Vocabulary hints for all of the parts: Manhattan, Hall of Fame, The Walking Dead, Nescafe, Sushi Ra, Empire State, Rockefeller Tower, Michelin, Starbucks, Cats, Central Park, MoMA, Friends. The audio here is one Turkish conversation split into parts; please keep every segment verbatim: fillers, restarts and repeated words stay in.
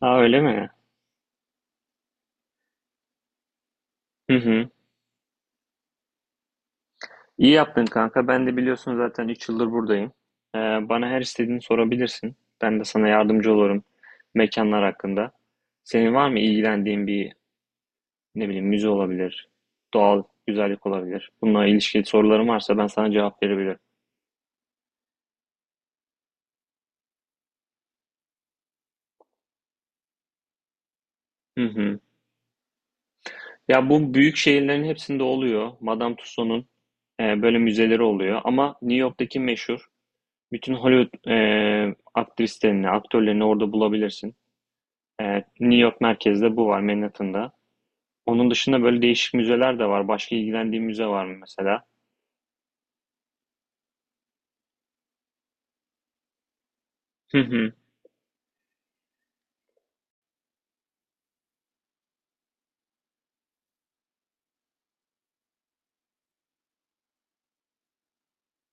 Aa öyle mi? Hı hı. İyi yaptın kanka. Ben de biliyorsun zaten üç yıldır buradayım. Ee, bana her istediğini sorabilirsin. Ben de sana yardımcı olurum mekanlar hakkında. Senin var mı ilgilendiğin bir ne bileyim müze olabilir, doğal güzellik olabilir. Bununla ilişkili sorularım varsa ben sana cevap verebilirim. Hı hı. Ya bu büyük şehirlerin hepsinde oluyor. Madame Tussauds'un e, böyle müzeleri oluyor. Ama New York'taki meşhur bütün Hollywood e, aktrislerini, aktörlerini orada bulabilirsin. Evet, New York merkezde bu var Manhattan'da. Onun dışında böyle değişik müzeler de var. Başka ilgilendiğin müze var mı mesela? Hı hı.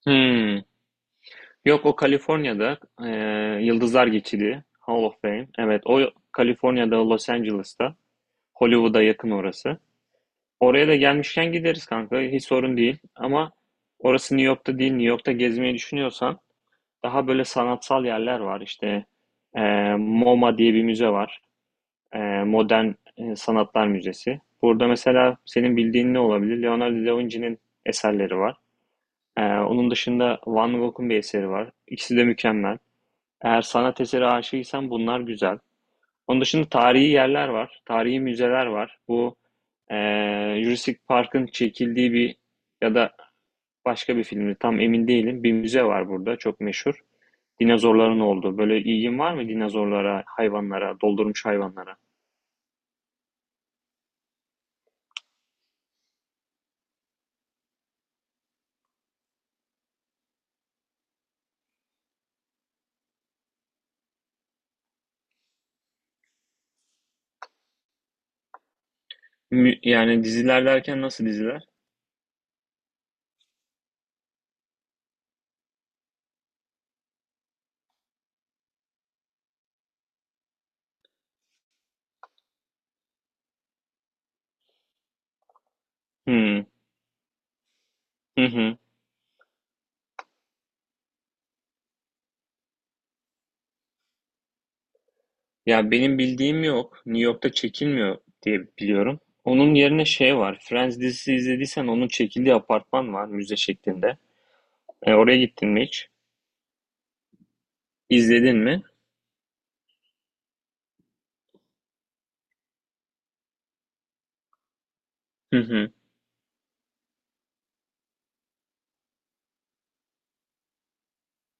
Hmm. Yok o Kaliforniya'da e, Yıldızlar Geçidi Hall of Fame. Evet o Kaliforniya'da Los Angeles'ta Hollywood'a yakın orası. Oraya da gelmişken gideriz kanka, hiç sorun değil. Ama orası New York'ta değil. New York'ta gezmeyi düşünüyorsan daha böyle sanatsal yerler var. İşte e, MoMA diye bir müze var. Ee, Modern e, Sanatlar Müzesi. Burada mesela senin bildiğin ne olabilir? Leonardo da Vinci'nin eserleri var. Ee, onun dışında Van Gogh'un bir eseri var. İkisi de mükemmel. Eğer sanat eseri aşığıysan bunlar güzel. Onun dışında tarihi yerler var. Tarihi müzeler var. Bu e, Jurassic Park'ın çekildiği bir ya da başka bir filmde tam emin değilim. Bir müze var burada çok meşhur. Dinozorların olduğu. Böyle ilgin var mı dinozorlara, hayvanlara, doldurmuş hayvanlara? Mü- yani diziler derken nasıl diziler? Hmm. Hı hı. Ya benim bildiğim yok. New York'ta çekilmiyor diye biliyorum. Onun yerine şey var. Friends dizisi izlediysen onun çekildiği apartman var müze şeklinde. E, oraya gittin mi hiç? İzledin mi? Hı hı.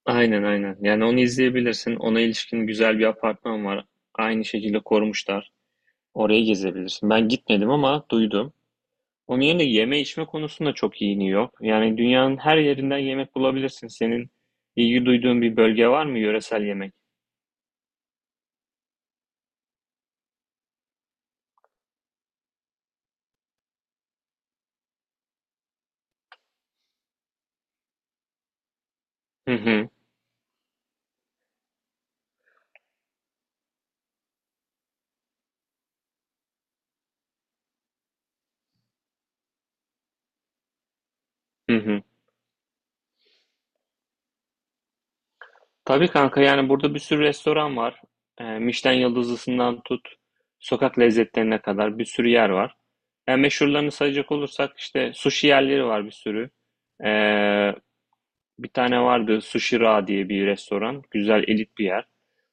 Aynen aynen. Yani onu izleyebilirsin. Ona ilişkin güzel bir apartman var. Aynı şekilde korumuşlar. Oraya gezebilirsin. Ben gitmedim ama duydum. Onun yerine yeme içme konusunda çok iyi New York. Yani dünyanın her yerinden yemek bulabilirsin. Senin ilgi duyduğun bir bölge var mı yöresel yemek? Hı hı, hı hı. Tabii kanka, yani burada bir sürü restoran var. Ee, Michelin yıldızlısından tut, sokak lezzetlerine kadar bir sürü yer var. Yani meşhurlarını sayacak olursak işte sushi yerleri var bir sürü. Ee, Bir tane vardı Sushi Ra diye bir restoran. Güzel elit bir yer.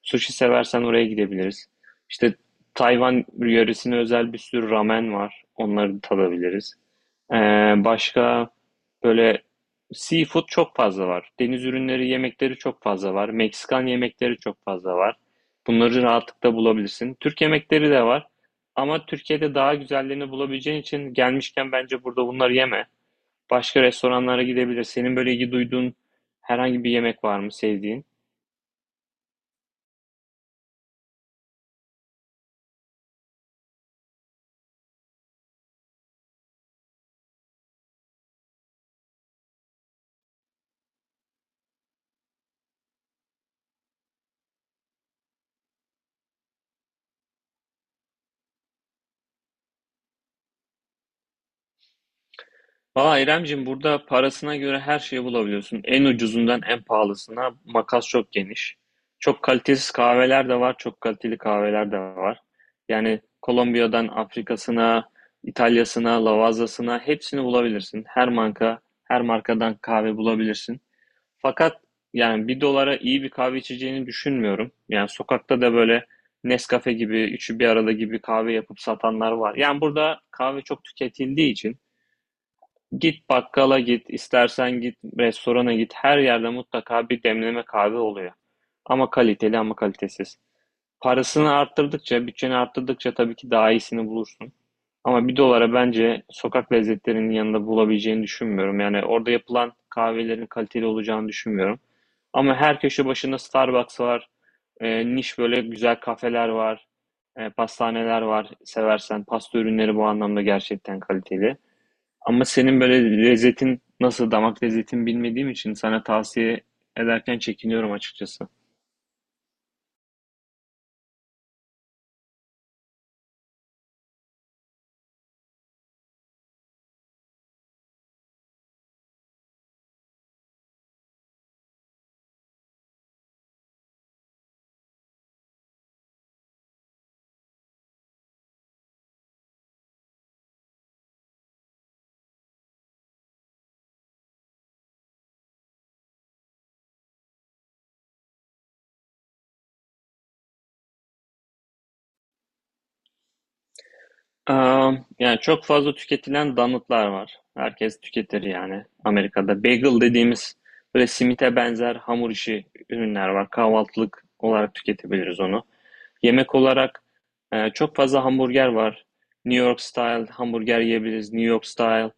Sushi seversen oraya gidebiliriz. İşte Tayvan yöresine özel bir sürü ramen var. Onları tadabiliriz. Ee, başka böyle seafood çok fazla var. Deniz ürünleri yemekleri çok fazla var. Meksikan yemekleri çok fazla var. Bunları rahatlıkla bulabilirsin. Türk yemekleri de var. Ama Türkiye'de daha güzellerini bulabileceğin için gelmişken bence burada bunları yeme. Başka restoranlara gidebilir. Senin böyle ilgi duyduğun herhangi bir yemek var mı sevdiğin? Valla İremcim, burada parasına göre her şeyi bulabiliyorsun. En ucuzundan en pahalısına makas çok geniş. Çok kalitesiz kahveler de var, çok kaliteli kahveler de var. Yani Kolombiya'dan Afrika'sına, İtalya'sına, Lavaza'sına hepsini bulabilirsin. Her marka, her markadan kahve bulabilirsin. Fakat yani bir dolara iyi bir kahve içeceğini düşünmüyorum. Yani sokakta da böyle Nescafe gibi, üçü bir arada gibi kahve yapıp satanlar var. Yani burada kahve çok tüketildiği için git bakkala git, istersen git restorana git. Her yerde mutlaka bir demleme kahve oluyor. Ama kaliteli ama kalitesiz. Parasını arttırdıkça, bütçeni arttırdıkça tabii ki daha iyisini bulursun. Ama bir dolara bence sokak lezzetlerinin yanında bulabileceğini düşünmüyorum. Yani orada yapılan kahvelerin kaliteli olacağını düşünmüyorum. Ama her köşe başında Starbucks var. E, niş böyle güzel kafeler var. E, pastaneler var seversen. Pasta ürünleri bu anlamda gerçekten kaliteli. Ama senin böyle lezzetin nasıl, damak lezzetin bilmediğim için sana tavsiye ederken çekiniyorum açıkçası. Am, yani çok fazla tüketilen donutlar var. Herkes tüketir yani Amerika'da. Bagel dediğimiz böyle simite benzer hamur işi ürünler var. Kahvaltılık olarak tüketebiliriz onu. Yemek olarak e, çok fazla hamburger var. New York style hamburger yiyebiliriz. New York style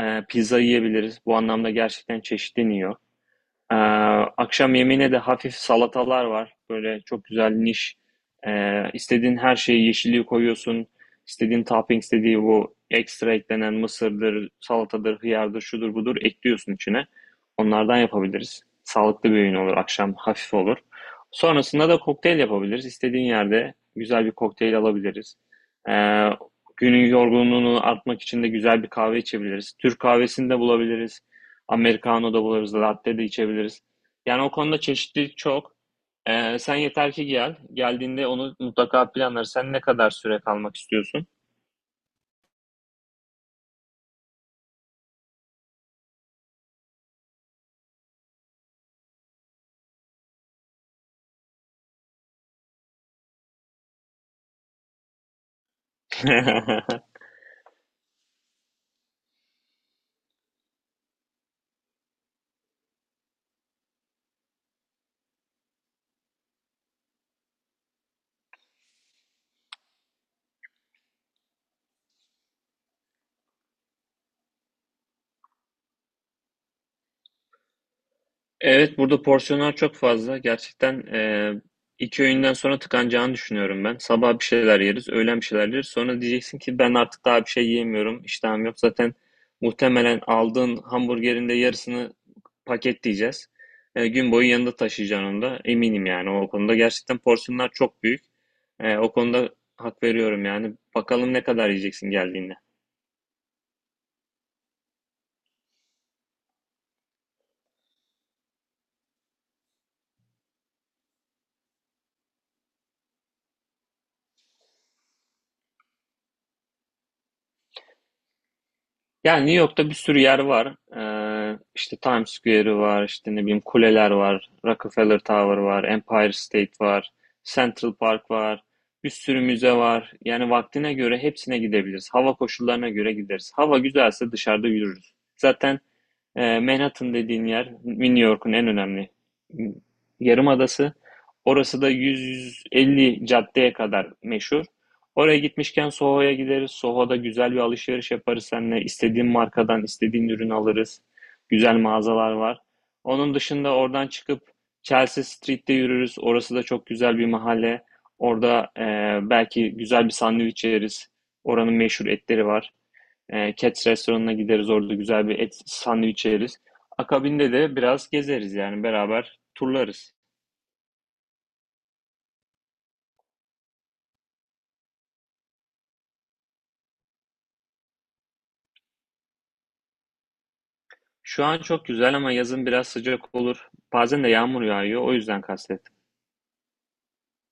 e, pizza yiyebiliriz. Bu anlamda gerçekten çeşitleniyor. Ee, akşam yemeğine de hafif salatalar var. Böyle çok güzel niş. Ee, istediğin her şeyi, yeşilliği koyuyorsun. İstediğin topping, istediği bu ekstra eklenen mısırdır, salatadır, hıyardır, şudur budur ekliyorsun içine. Onlardan yapabiliriz. Sağlıklı bir öğün olur. Akşam hafif olur. Sonrasında da kokteyl yapabiliriz. İstediğin yerde güzel bir kokteyl alabiliriz. Ee, günün yorgunluğunu atmak için de güzel bir kahve içebiliriz. Türk kahvesini de bulabiliriz. Americano da buluruz, latte de içebiliriz. Yani o konuda çeşitlilik çok. Ee, sen yeter ki gel. Geldiğinde onu mutlaka planlarız. Sen ne kadar süre kalmak istiyorsun? Evet, burada porsiyonlar çok fazla. Gerçekten e, iki öğünden sonra tıkanacağını düşünüyorum ben. Sabah bir şeyler yeriz, öğlen bir şeyler yeriz. Sonra diyeceksin ki ben artık daha bir şey yiyemiyorum, iştahım yok. Zaten muhtemelen aldığın hamburgerin de yarısını paketleyeceğiz. E, gün boyu yanında taşıyacaksın onu da. Eminim yani o konuda. Gerçekten porsiyonlar çok büyük. E, o konuda hak veriyorum yani. Bakalım ne kadar yiyeceksin geldiğinde. Yani New York'ta bir sürü yer var. Ee, işte Times Square'ı var, işte ne bileyim kuleler var, Rockefeller Tower var, Empire State var, Central Park var, bir sürü müze var. Yani vaktine göre hepsine gidebiliriz. Hava koşullarına göre gideriz. Hava güzelse dışarıda yürürüz. Zaten ee, Manhattan dediğin yer New York'un en önemli yarımadası. Orası da yüz elli caddeye kadar meşhur. Oraya gitmişken Soho'ya gideriz. Soho'da güzel bir alışveriş yaparız seninle. İstediğin markadan istediğin ürün alırız. Güzel mağazalar var. Onun dışında oradan çıkıp Chelsea Street'te yürürüz. Orası da çok güzel bir mahalle. Orada e, belki güzel bir sandviç yeriz. Oranın meşhur etleri var. E, Cats restoranına gideriz, orada güzel bir et sandviç yeriz. Akabinde de biraz gezeriz yani beraber turlarız. Şu an çok güzel ama yazın biraz sıcak olur. Bazen de yağmur yağıyor, o yüzden kastettim.